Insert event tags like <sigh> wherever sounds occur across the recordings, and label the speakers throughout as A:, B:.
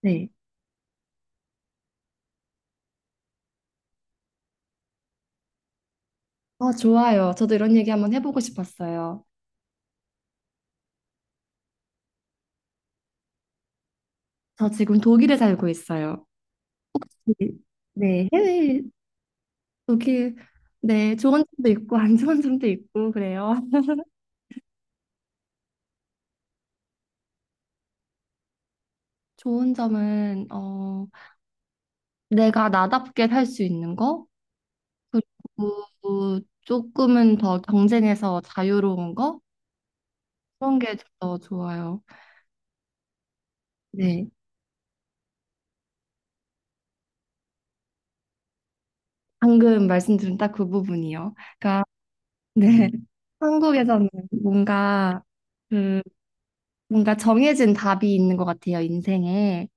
A: 네. 좋아요. 저도 이런 얘기 한번 해보고 싶었어요. 저 지금 독일에 살고 있어요. 네, 네, 해외 독일. 네, 좋은 점도 있고 안 좋은 점도 있고 그래요. 좋은 점은 내가 나답게 살 수 있는 거, 그리고 조금은 더 경쟁에서 자유로운 거 그런 게 더 좋아요. 네, 방금 말씀드린 딱 그 부분이요. 그러니까 네, 한국에서는 뭔가 그 뭔가 정해진 답이 있는 것 같아요, 인생에.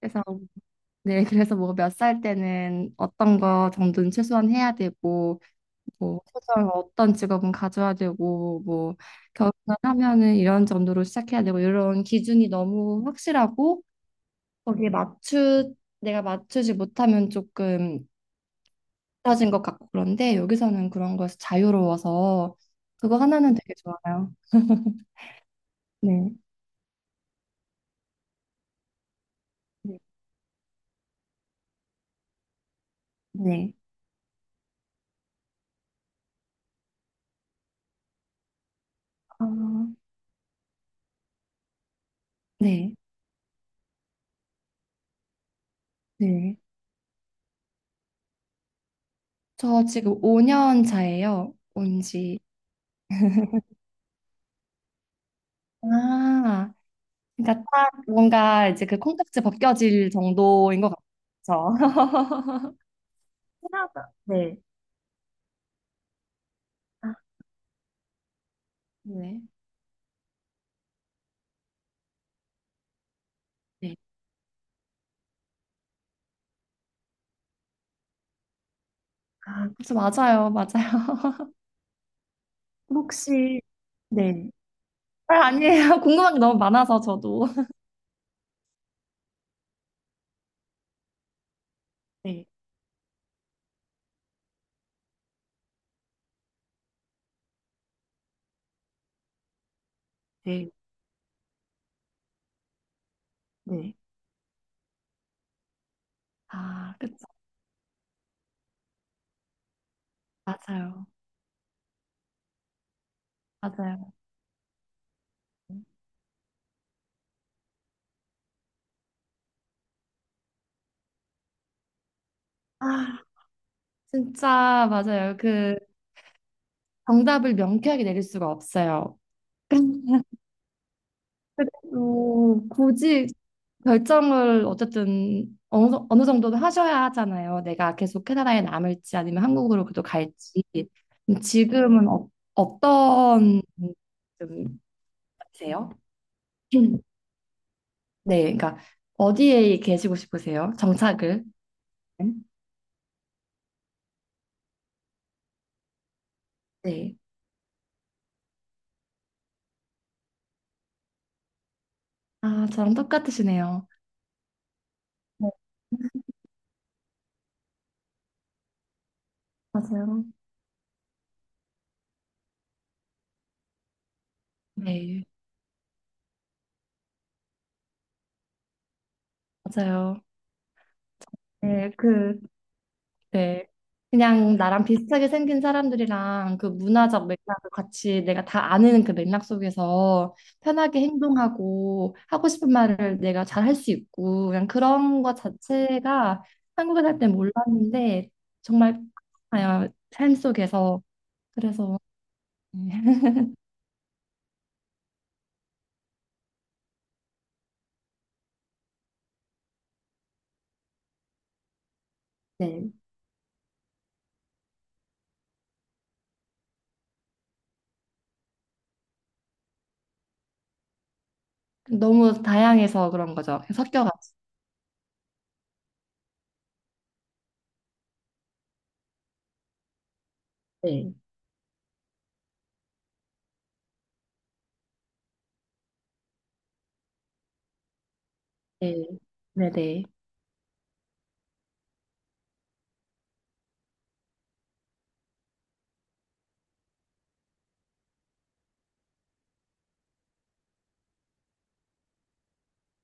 A: 그래서, 네, <laughs> 그래서 뭐 몇 살 때는 어떤 거 정도는 최소한 해야 되고, 뭐, 최소한 어떤 직업은 가져야 되고, 뭐, 결혼을 하면은 이런 정도로 시작해야 되고, 이런 기준이 너무 확실하고, 거기에 맞추, 내가 맞추지 못하면 조금 떨어진 것 같고, 그런데 여기서는 그런 거에서 자유로워서, 그거 하나는 되게 좋아요. 네. 네. 네. 아, 네. 네. 저 지금 5년 차예요. 온 지. 아, 그러니까 딱 뭔가 이제 그 콩깍지 벗겨질 정도인 것 같죠. <laughs> 하나가 네. 아, 네. 네. 아, 그래서 맞아요. 맞아요. 혹시 네. 아, 아니에요. <laughs> 궁금한 게 너무 많아서 저도. <laughs> 네. 네. 네. 아, 그쵸. 맞아요. 맞아요. 아, 진짜 맞아요. 정답을 명쾌하게 내릴 수가 없어요. <laughs> 그래도 굳이 결정을 어쨌든 어느 정도는 하셔야 하잖아요. 내가 계속 캐나다에 남을지 아니면 한국으로 그래도 갈지. 그럼 지금은 어떤 좀 세요? <clears throat> 네, 그러니까 어디에 계시고 싶으세요? 정착을? 네. 아, 저랑 똑같으시네요. 네, 맞아요. 네, 맞아요. 네, 그 네. 그냥 나랑 비슷하게 생긴 사람들이랑 그 문화적 맥락을 같이 내가 다 아는 그 맥락 속에서 편하게 행동하고 하고 싶은 말을 내가 잘 할 수 있고 그냥 그런 것 자체가 한국에 살 때 몰랐는데 정말 아, 삶 속에서 그래서 <laughs> 네. 너무 다양해서 그런 거죠. 섞여가지고. 네. 네. 네네.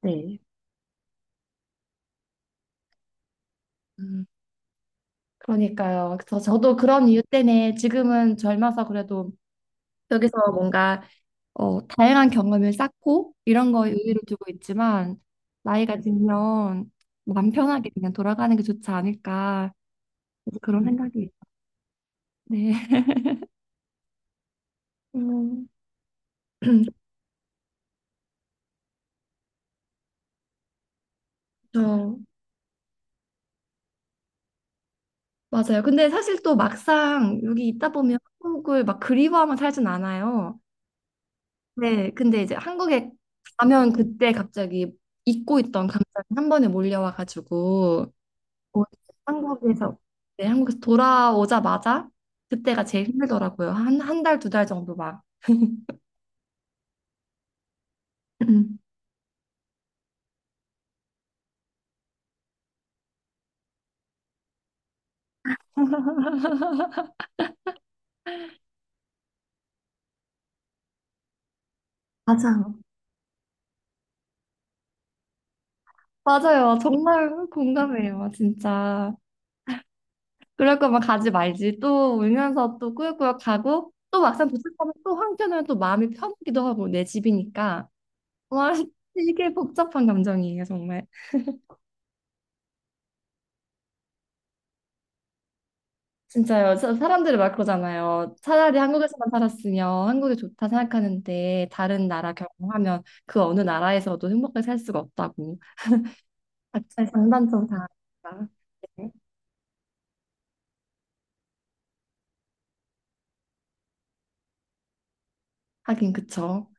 A: 네. 음, 그러니까요. 그래서 저도 그런 이유 때문에 지금은 젊어서 그래도 여기서 뭔가 다양한 경험을 쌓고 이런 거에 의의를 두고 있지만 나이가 들면 마음 편하게 그냥 돌아가는 게 좋지 않을까 그래서 그런 생각이 있- 네. <laughs> 음, <clears throat> 그렇죠. 맞아요. 근데 사실 또 막상 여기 있다 보면 한국을 막 그리워하면 살진 않아요. 네. 근데 이제 한국에 가면 그때 갑자기 잊고 있던 감정이 한 번에 몰려와가지고 어, 한국에서 네, 한국에서 돌아오자마자 그때가 제일 힘들더라고요. 한 한 달, 두 달 정도 막. <clears throat> 맞아요. 맞아요. 정말 공감해요. 진짜. 그럴 거면 가지 말지. 또 울면서 또 꾸역꾸역 가고 또 막상 도착하면 또 한켠으로는 또 마음이 편하기도 하고 내 집이니까. 와, <laughs> 이게 복잡한 감정이에요, 정말. 진짜요. 사- 사람들이 막 그러잖아요. 차라리 한국에서만 살았으면 한국이 좋다 생각하는데 다른 나라 경험하면 그 어느 나라에서도 행복하게 살 수가 없다고. 각자의 장단점 다알 네. 하긴 그쵸.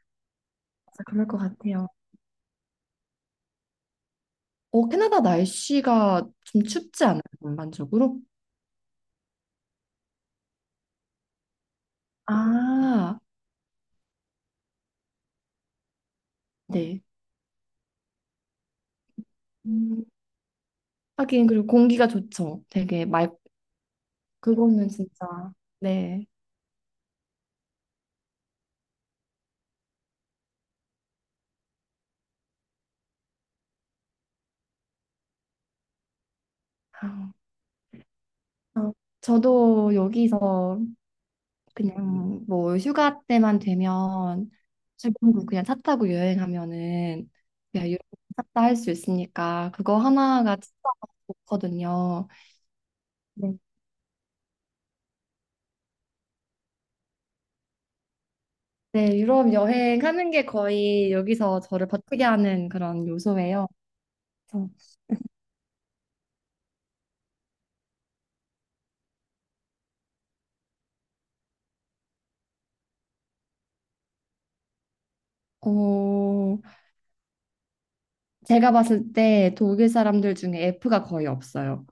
A: 진짜 그럴 것 같아요. 어, 캐나다 날씨가 좀 춥지 않아요, 전반적으로? 아, 네. 음, 하긴 그리고 공기가 좋죠. 되게 맑. 그거는 진짜 네. 아, 어, 저도 여기서 그냥 뭐 휴가 때만 되면 사국 그냥 차 타고 여행하면은 그냥 유럽 샀다 할 수 있으니까 그거 하나가 진짜 좋거든요. 네. 네, 유럽 여행하는 게 거의 여기서 저를 버티게 하는 그런 요소예요. 그래서, 어, 제가 봤을 때 독일 사람들 중에 F가 거의 없어요.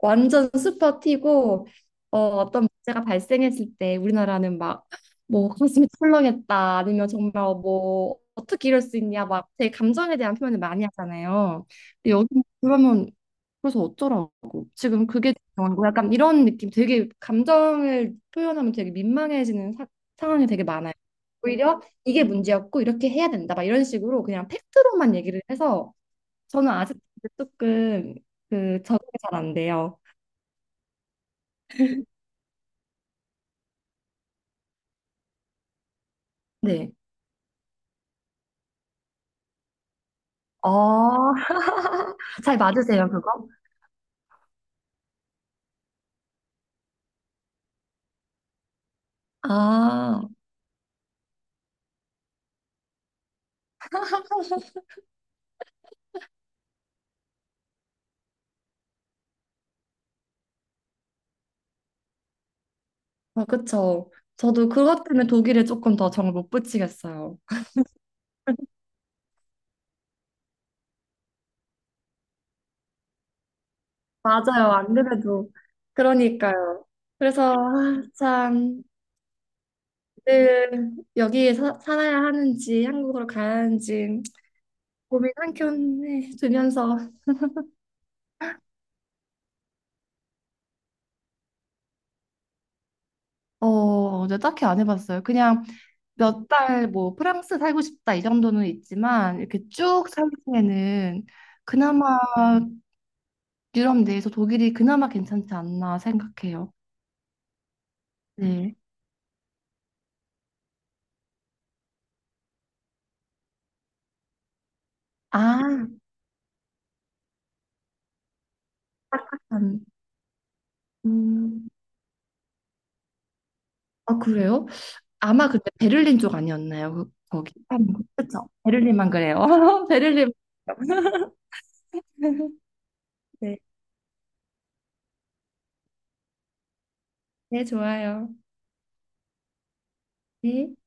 A: 완전 슈퍼 T고 어떤 문제가 발생했을 때 우리나라는 막 뭐 가슴이 철렁했다 아니면 정말 뭐 어떻게 이럴 수 있냐 막 제 감정에 대한 표현을 많이 하잖아요. 근데 여기 그러면 그래서 어쩌라고 지금 그게 중요한 거 약간 이런 느낌 되게 감정을 표현하면 되게 민망해지는 사- 상황이 되게 많아요. 오히려 이게 문제였고 이렇게 해야 된다 막 이런 식으로 그냥 팩트로만 얘기를 해서 저는 아직 조금 그 적응이 잘 안 돼요. 네. 어, <laughs> 잘 맞으세요, 그거? 아, <laughs> 아, 그쵸. 저도 그것 때문에 독일에 조금 더 정을 못 붙이겠어요. 맞아요, 안 그래도. 그러니까요. 그래서, 아, 참, 늘 살아야 하는지, 한국으로 가야 하는지, 고민 한켠에 두면서. 저 딱히 안 해봤어요. 그냥 몇 달 뭐 프랑스 살고 싶다 이 정도는 있지만 이렇게 쭉 살기에는 그나마 유럽 내에서 독일이 그나마 괜찮지 않나 생각해요. 네. 아, 음, 음, 아, 그래요? 아마 그때 베를린 쪽 아니었나요? 그- 거기. 그렇죠. 베를린만 그래요. <laughs> 베를린. 네, 네, 좋아요. 네.